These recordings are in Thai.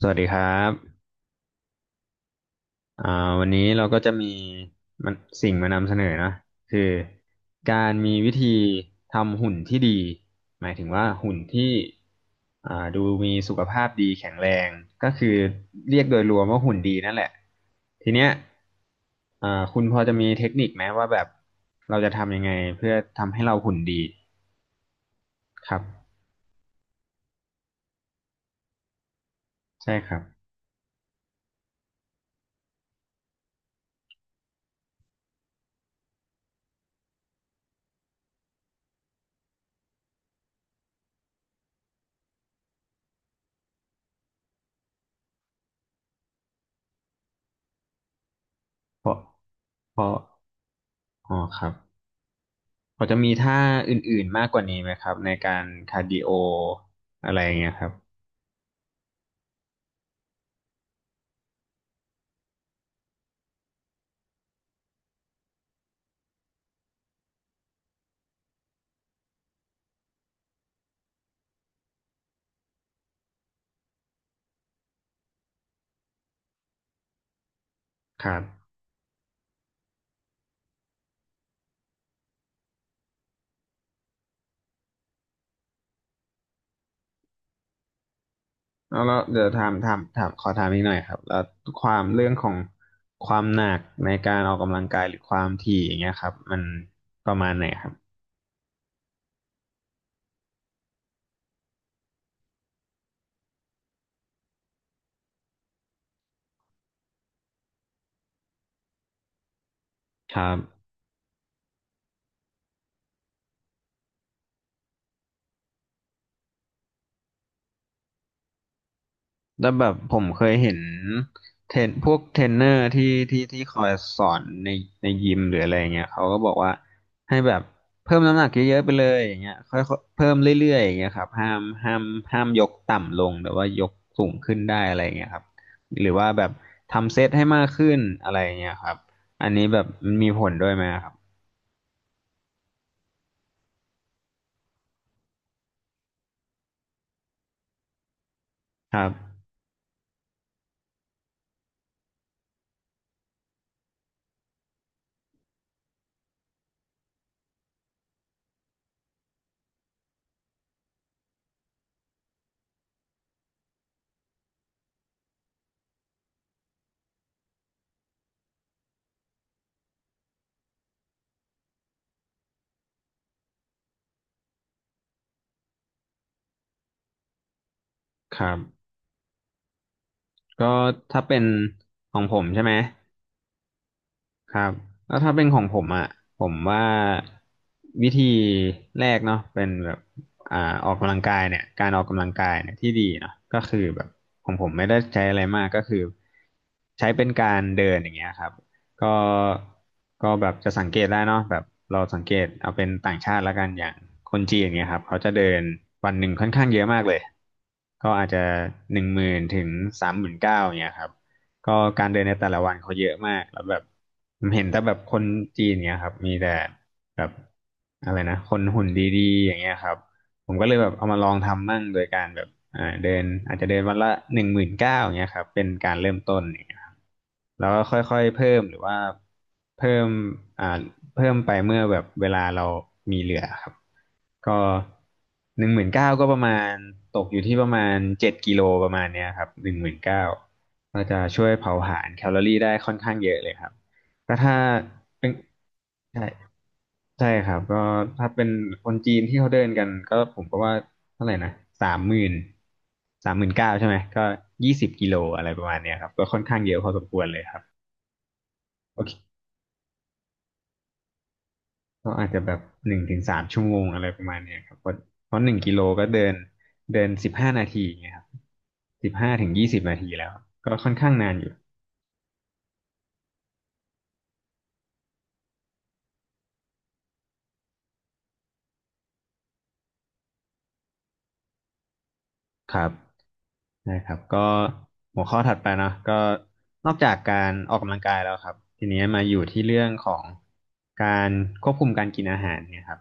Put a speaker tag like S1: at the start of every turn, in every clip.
S1: สวัสดีครับอ่าวันนี้เราก็จะมีมันสิ่งมานำเสนอนะคือการมีวิธีทำหุ่นที่ดีหมายถึงว่าหุ่นที่ดูมีสุขภาพดีแข็งแรงก็คือเรียกโดยรวมว่าหุ่นดีนั่นแหละ ทีเนี้ยคุณพอจะมีเทคนิคไหมว่าแบบเราจะทำยังไงเพื่อทำให้เราหุ่นดีครับ ใช่ครับเพราะเพราะอ๋อครับ พอจะมีท่าอื่นๆมากกว่านี้ไหมครับในการคาร์ดิโออะไรอย่างเงี้ยครับครับแล้วเดี๋ยวถามถามถามขอถามอีกหน่อยครับแล้วความเรื่องของความหนักในการออกกำลังกายหรือความถี่อย่างเงี้ยครับมันประมาณไหนครับครับ แล้วแบบผมเคยเห็นเทรนพวกเทรนเนอร์ที่คอยสอนในยิมหรืออะไรเงี้ยเขาก็บอกว่าให้แบบเพิ่มน้ำหนักเยอะๆไปเลยอย่างเงี้ยค่อยๆเพิ่มเรื่อยๆอย่างเงี้ยครับห้ามยกต่ำลงแต่ว่ายกสูงขึ้นได้อะไรเงี้ยครับหรือว่าแบบทำเซตให้มากขึ้นอะไรเงี้ยครับอันนี้แบบมันมีผลด้วยไหมครับครับครับก็ถ้าเป็นของผมใช่ไหม ครับแล้วถ้าเป็นของผมอ่ะผมว่าวิธีแรกเนาะเป็นแบบอ่าออกกำลังกายเนี่ยการออกกำลังกายเนี่ยที่ดีเนาะก็คือแบบของผมไม่ได้ใช้อะไรมากก็คือใช้เป็นการเดินอย่างเงี้ยครับก็ก็แบบจะสังเกตได้เนาะแบบเราสังเกตเอาเป็นต่างชาติและกันอย่างคนจีนอย่างเงี้ยครับเขาจะเดินวันหนึ่งค่อนข้างเยอะมากเลยก็อาจจะ10,000 ถึง 39,000อย่างเงี้ยครับ ก็การเดินในแต่ละวันเขาเยอะมากแล้วแบบผมเห็นแต่แบบคนจีนเนี้ยครับมีแต่แบบอะไรนะคนหุ่นดีๆอย่างเงี้ยครับผมก็เลยแบบเอามาลองทำมั่งโดยการแบบเดินอาจจะเดินวันละหนึ่งหมื่นเก้าอย่างเงี้ยครับเป็นการเริ่มต้นอย่างเงี้ยครับแล้วก็ค่อยๆเพิ่มหรือว่าเพิ่มอ่า เพิ่มไปเมื่อแบบเวลาเรามีเหลือครับก็หนึ่งหมื่นเก้าก็ประมาณตกอยู่ที่ประมาณ7 กิโลประมาณเนี้ยครับหนึ่งหมื่นเก้าก็จะช่วยเผาผลาญแคลอรี่ได้ค่อนข้างเยอะเลยครับก็ถ้าเป็นใช่ใช่ครับก็ถ้าเป็นคนจีนที่เขาเดินกันก็ผมก็ว่าเท่าไหร่นะสามหมื่นสามหมื่นเก้าใช่ไหมก็20 กิโลอะไรประมาณเนี้ยครับก็ค่อนข้างเยอะพอสมควรเลยครับโอเค ก็อาจจะแบบ1 ถึง 3 ชั่วโมงอะไรประมาณเนี้ยครับเพราะหนึ่งกิโลก็เดินเดิน15 นาทีไงครับ15 ถึง 20 นาทีแล้วก็ค่อนข้างนานอยู่ครับนะครับก็หัวข้อถัดไปเนาะก็นอกจากการออกกำลังกายแล้วครับทีนี้มาอยู่ที่เรื่องของการควบคุมการกินอาหารเนี่ยครับ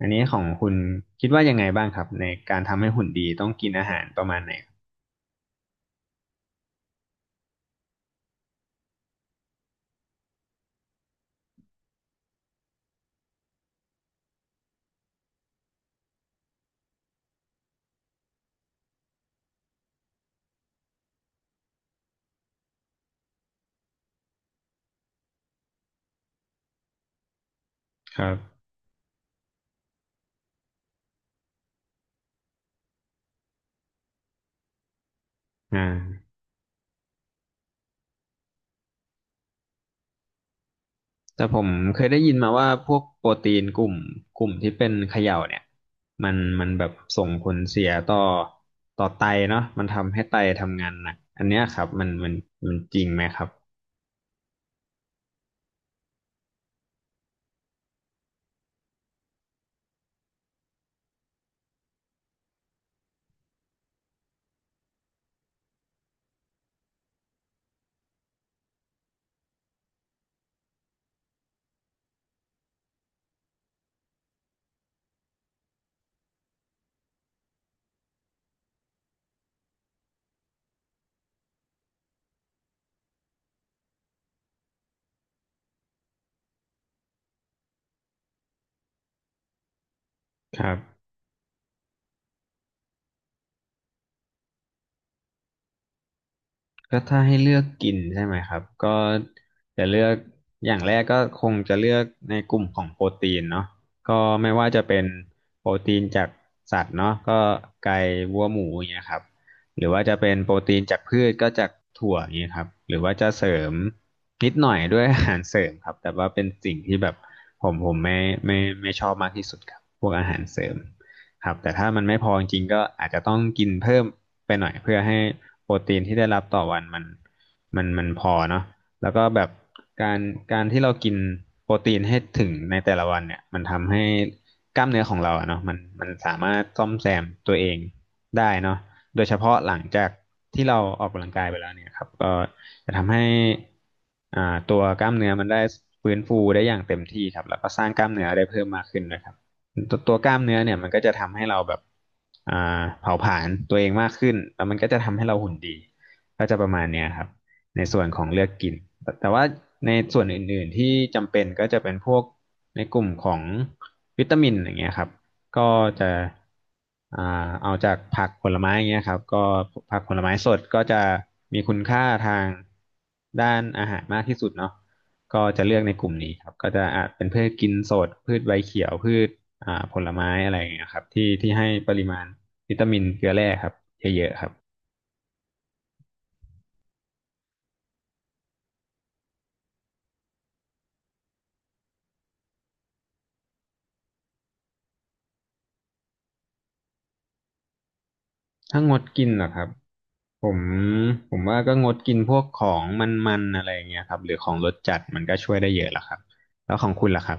S1: อันนี้ของคุณคิดว่ายังไงบ้างครับในการทำให้หุ่นดีต้องกินอาหารประมาณไหนครับครับอ่า แต่ผมเคยได้ยินมาว่าพวกโปรตีนกลุ่มที่เป็นเขย่าเนี่ยมันแบบส่งผลเสียต่อไตเนาะมันทำให้ไตทำงานหนักอันเนี้ยครับมันจริงไหมครับครับ ก็ถ้าให้เลือกกินใช่ไหมครับก็จะเลือกอย่างแรกก็คงจะเลือกในกลุ่มของโปรตีนเนาะก็ไม่ว่าจะเป็นโปรตีนจากสัตว์เนาะก็ไก่วัวหมูอย่างเงี้ยครับหรือว่าจะเป็นโปรตีนจากพืชก็จากถั่วอย่างเงี้ยครับหรือว่าจะเสริมนิดหน่อยด้วยอาหารเสริมครับแต่ว่าเป็นสิ่งที่แบบผมไม่ไม่ไม่ชอบมากที่สุดครับพวกอาหารเสริม ครับแต่ถ้ามันไม่พอจริงๆก็อาจจะต้องกินเพิ่มไปหน่อยเพื่อให้โปรตีนที่ได้รับต่อวันมันมันพอเนาะแล้วก็แบบการการที่เรากินโปรตีนให้ถึงในแต่ละวันเนี่ยมันทำให้กล้ามเนื้อของเราอะเนาะมันสามารถซ่อมแซมตัวเองได้เนาะโดยเฉพาะหลังจากที่เราออกกำลังกายไปแล้วเนี่ยครับก็จะทำให้อ่าตัวกล้ามเนื้อมันได้ฟื้นฟูได้อย่างเต็มที่ครับแล้วก็สร้างกล้ามเนื้อได้เพิ่มมากขึ้นนะครับ ตัวกล้ามเนื้อเนี่ยมันก็จะทำให้เราแบบอ่าเผาผลาญตัวเองมากขึ้นแล้วมันก็จะทำให้เราหุ่นดีก็จะประมาณเนี้ยครับในส่วนของเลือกกินแต่ว่าในส่วนอื่นๆที่จำเป็นก็จะเป็นพวกในกลุ่มของวิตามินอย่างเงี้ยครับก็จะอ่าเอาจากผักผลไม้อย่างเงี้ยครับก็ผักผลไม้สดก็จะมีคุณค่าทางด้านอาหารมากที่สุดเนาะ ก็จะเลือกในกลุ่มนี้ครับก็จะอาจเป็นพืชกินสดพืชใบเขียวพืชผลไม้อะไรอย่างเงี้ยครับที่ให้ปริมาณวิตามินเกลือแร่ครับเยอะๆครับถ้างดกินเหรอครับผมผมว่าก็งดกินพวกของมันๆอะไรอย่างเงี้ยครับหรือของรสจัดมันก็ช่วยได้เยอะละครับแล้วของคุณล่ะครับ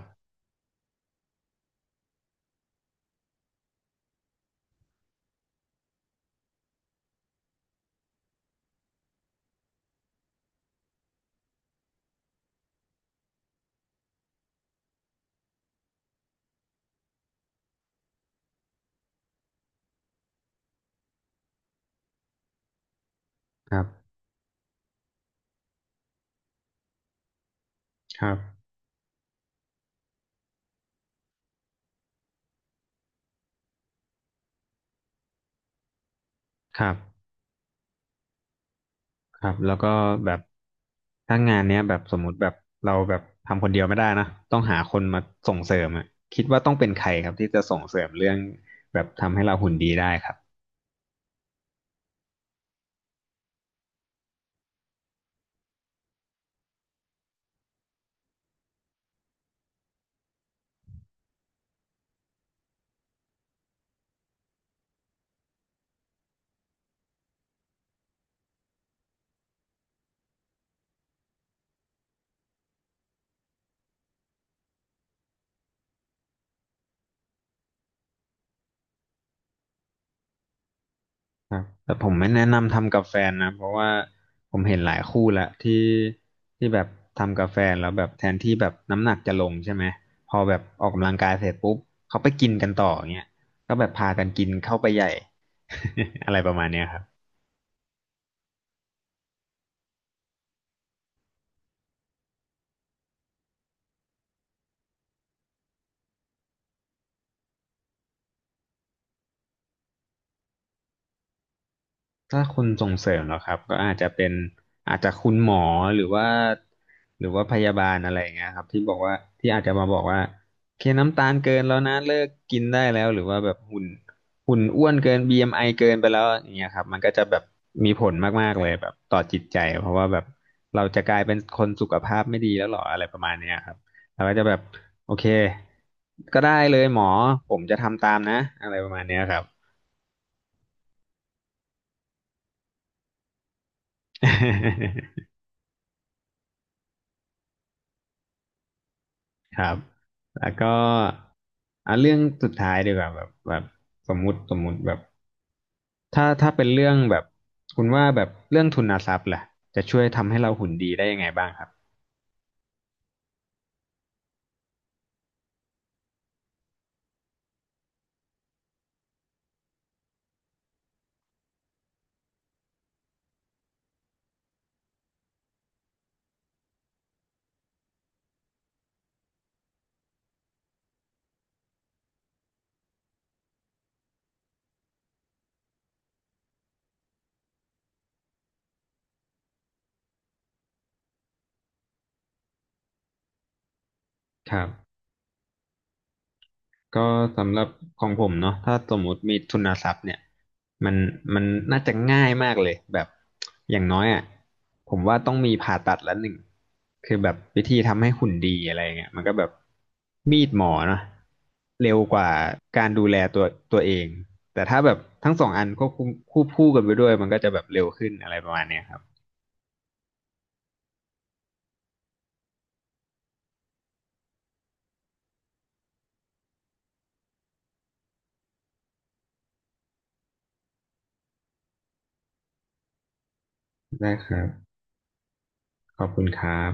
S1: ครับครับครับ ครับแล้วก็แบบถ้างานเนี้ยแบบสมมุติแบบเราแบบทำคนเดียวไม่ได้นะต้องหาคนมาส่งเสริมอะคิดว่าต้องเป็นใครครับที่จะส่งเสริมเรื่องแบบทำให้เราหุ่นดีได้ครับครับแต่ผมไม่แนะนำทำกับแฟนนะเพราะว่าผมเห็นหลายคู่ละที่แบบทำกับแฟนแล้วแบบแทนที่แบบน้ำหนักจะลงใช่ไหมพอแบบออกกำลังกายเสร็จปุ๊บเขาไปกินกันต่ออย่างเงี้ยก็แบบพากันกินเข้าไปใหญ่ อะไรประมาณเนี้ยครับ ถ้าคนส่งเสริมเหรอครับก็อาจจะเป็นอาจจะคุณหมอหรือว่าหรือว่าพยาบาลอะไรอย่างเงี้ยครับที่บอกว่าที่อาจจะมาบอกว่าโอเคน้ำตาลเกินแล้วนะเลิกกินได้แล้วหรือว่าแบบหุ่นอ้วนเกิน BMI เอ็มไอเกินไปแล้วอย่างเงี้ยครับมันก็จะแบบมีผลมากๆเลยแบบต่อจิตใจเพราะว่าแบบเราจะกลายเป็นคนสุขภาพไม่ดีแล้วหรออะไรประมาณเนี้ยครับเราก็จะแบบโอเคก็ได้เลยหมอผมจะทำตามนะอะไรประมาณเนี้ยครับ ครับ แล้วก็อ่ะเรื่องสุดท้ายดีกว่าแบบสมมุติแบบถ้าเป็นเรื่องแบบคุณว่าแบบเรื่องทุนทรัพย์ล่ะจะช่วยทำให้เราหุ่นดีได้ยังไงบ้างครับครับ ก็สำหรับของผมเนาะถ้าสมมุติมีทุนทรัพย์เนี่ยมันมันน่าจะง่ายมากเลยแบบอย่างน้อยอ่ะผมว่าต้องมีผ่าตัดละหนึ่งคือแบบวิธีทำให้หุ่นดีอะไรเงี้ยมันก็แบบมีดหมอเนาะเร็วกว่าการดูแลตัวเองแต่ถ้าแบบทั้งสองอันก็ควบคู่กันไปด้วยมันก็จะแบบเร็วขึ้นอะไรประมาณเนี้ยครับได้ครับขอบคุณครับ